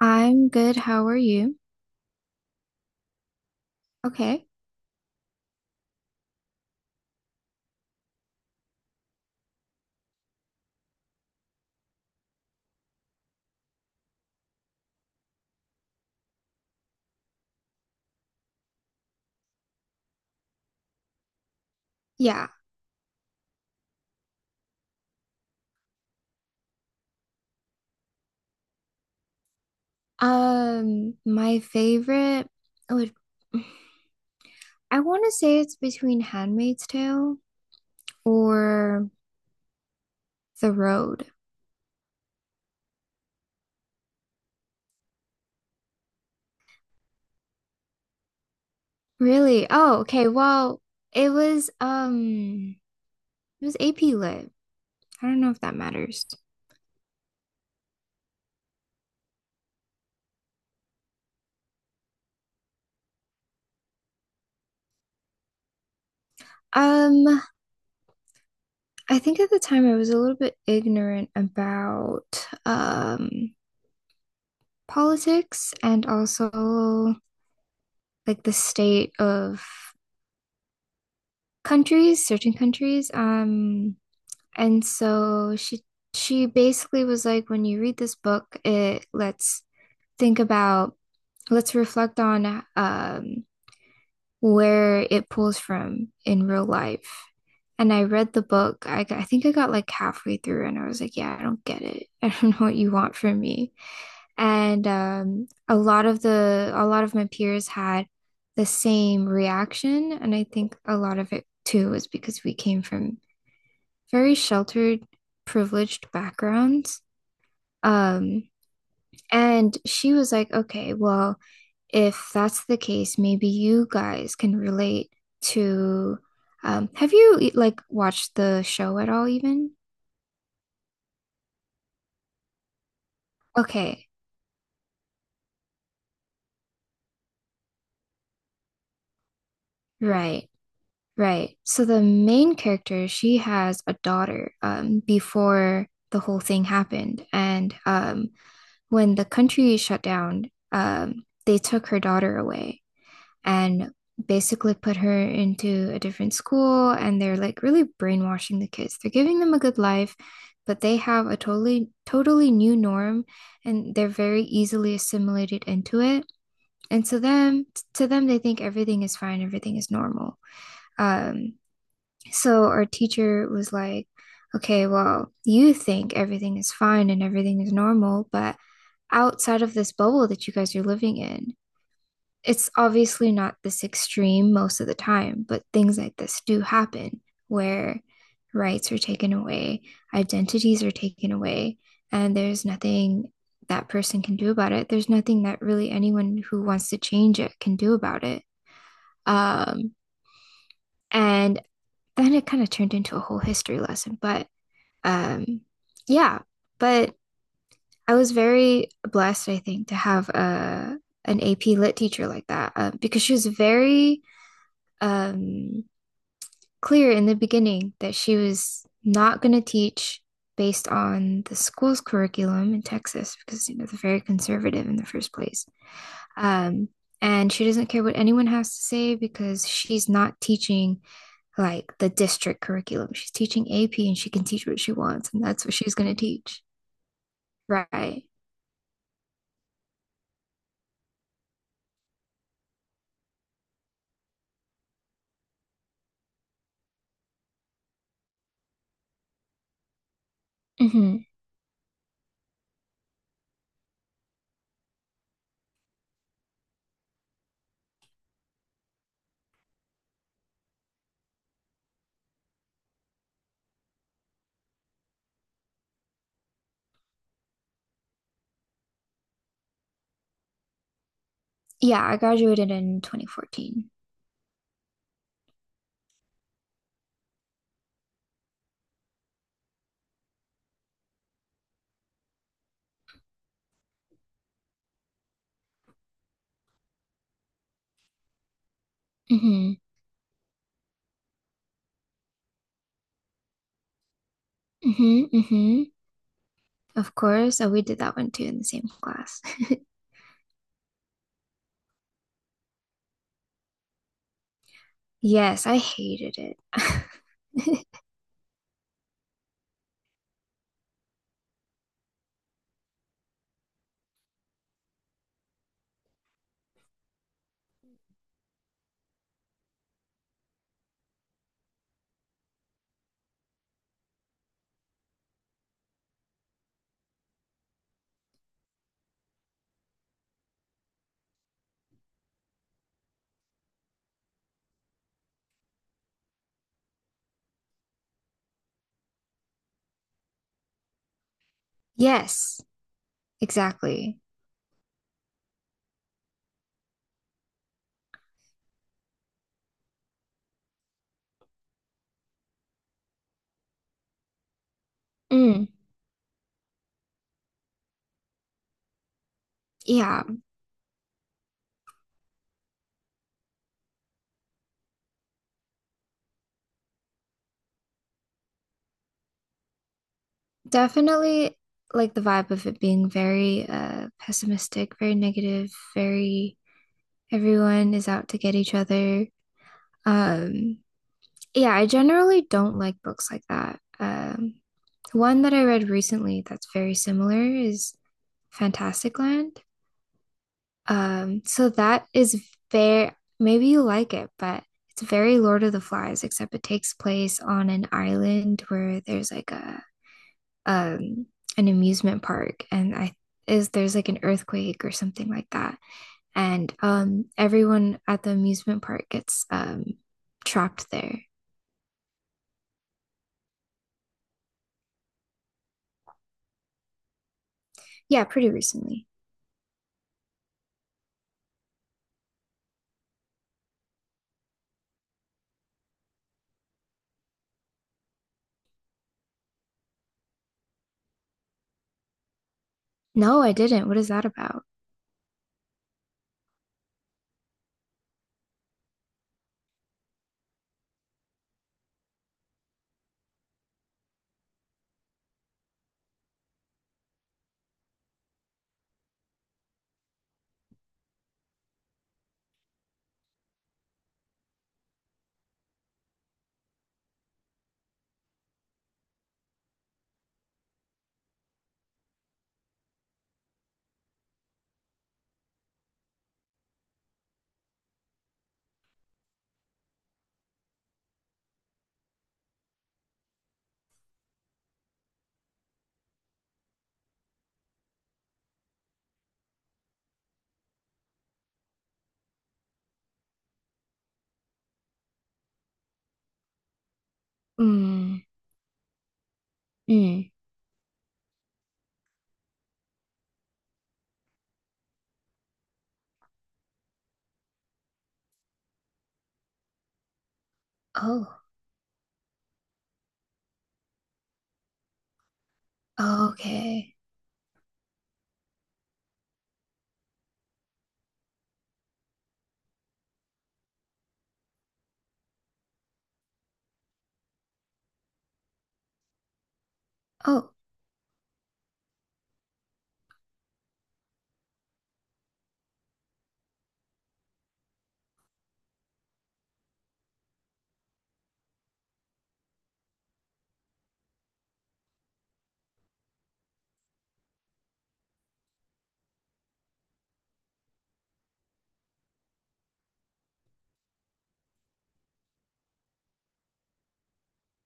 I'm good. How are you? Okay. Yeah. My favorite would I want to say it's between Handmaid's Tale or The Road. Really? Oh, okay. Well, it was um it was AP Lit. I don't know if that matters. Um, I think at the time I was a little bit ignorant about politics and also like the state of countries, certain countries. And she basically was like, when you read this book, it let's think about, let's reflect on where it pulls from in real life. And I read the book. I think I got like halfway through and I was like, yeah, I don't get it. I don't know what you want from me. And a lot of my peers had the same reaction. And I think a lot of it too was because we came from very sheltered, privileged backgrounds. Um, and she was like, okay, well, if that's the case, maybe you guys can relate to. Have you like watched the show at all, even? Okay, right, right. So the main character, she has a daughter before the whole thing happened, and when the country shut down, they took her daughter away and basically put her into a different school. And they're like really brainwashing the kids. They're giving them a good life, but they have a totally, totally new norm and they're very easily assimilated into it. And so them to them they think everything is fine, everything is normal. Um, so our teacher was like, okay, well, you think everything is fine and everything is normal, but outside of this bubble that you guys are living in, it's obviously not this extreme most of the time, but things like this do happen where rights are taken away, identities are taken away, and there's nothing that person can do about it. There's nothing that really anyone who wants to change it can do about it. Um, and then it kind of turned into a whole history lesson. But um, yeah, but I was very blessed, I think, to have a an AP Lit teacher like that because she was very um, clear in the beginning that she was not going to teach based on the school's curriculum in Texas because you know they're very conservative in the first place. Um, and she doesn't care what anyone has to say because she's not teaching like the district curriculum. She's teaching AP and she can teach what she wants, and that's what she's going to teach. Right. Mm-hmm. Yeah, I graduated in 2014. Mm-hmm. Mm-hmm. Mm-hmm. Of course. So we did that one too in the same class. Yes, I hated it. Yes, exactly. Mm, yeah, definitely like the vibe of it being very pessimistic, very negative, very everyone is out to get each other. Um, yeah, I generally don't like books like that. One that I read recently that's very similar is Fantastic Land. So that is very, maybe you like it, but it's very Lord of the Flies, except it takes place on an island where there's like a um an amusement park and I is there's like an earthquake or something like that. And everyone at the amusement park gets trapped there. Yeah, pretty recently. No, I didn't. What is that about? Mm, mm. Oh, okay. Oh,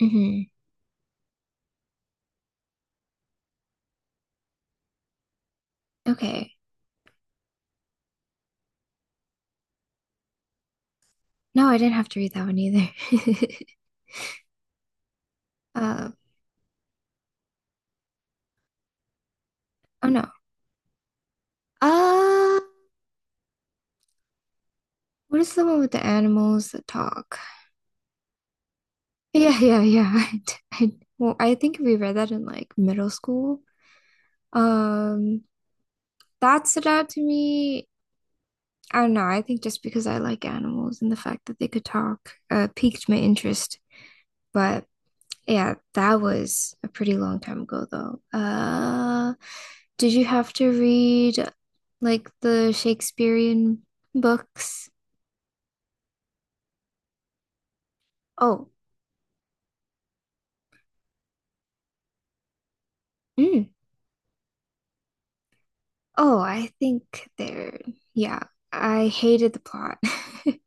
mm-hmm. Okay. No, I didn't have to read that one either. Uh, oh no. Uh, what is the one with the animals that talk? Yeah, yeah, yeah. Well, I think we read that in like middle school. Um, that stood out to me. I don't know. I think just because I like animals and the fact that they could talk, piqued my interest. But yeah, that was a pretty long time ago though. Did you have to read like the Shakespearean books? Oh, mm. Oh, I think they're, yeah, I hated the plot.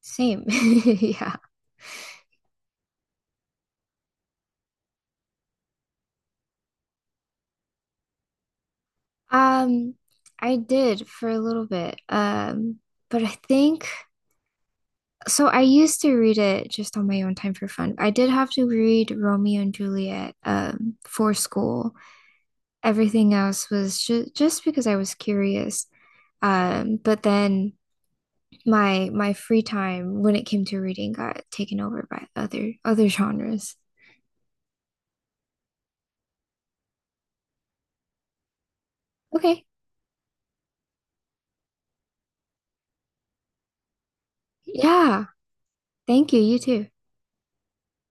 Same. Yeah. Um, I did for a little bit. But I think I used to read it just on my own time for fun. I did have to read Romeo and Juliet for school. Everything else was just because I was curious. But then my free time when it came to reading got taken over by other genres. Okay. Yeah. Thank you. You too.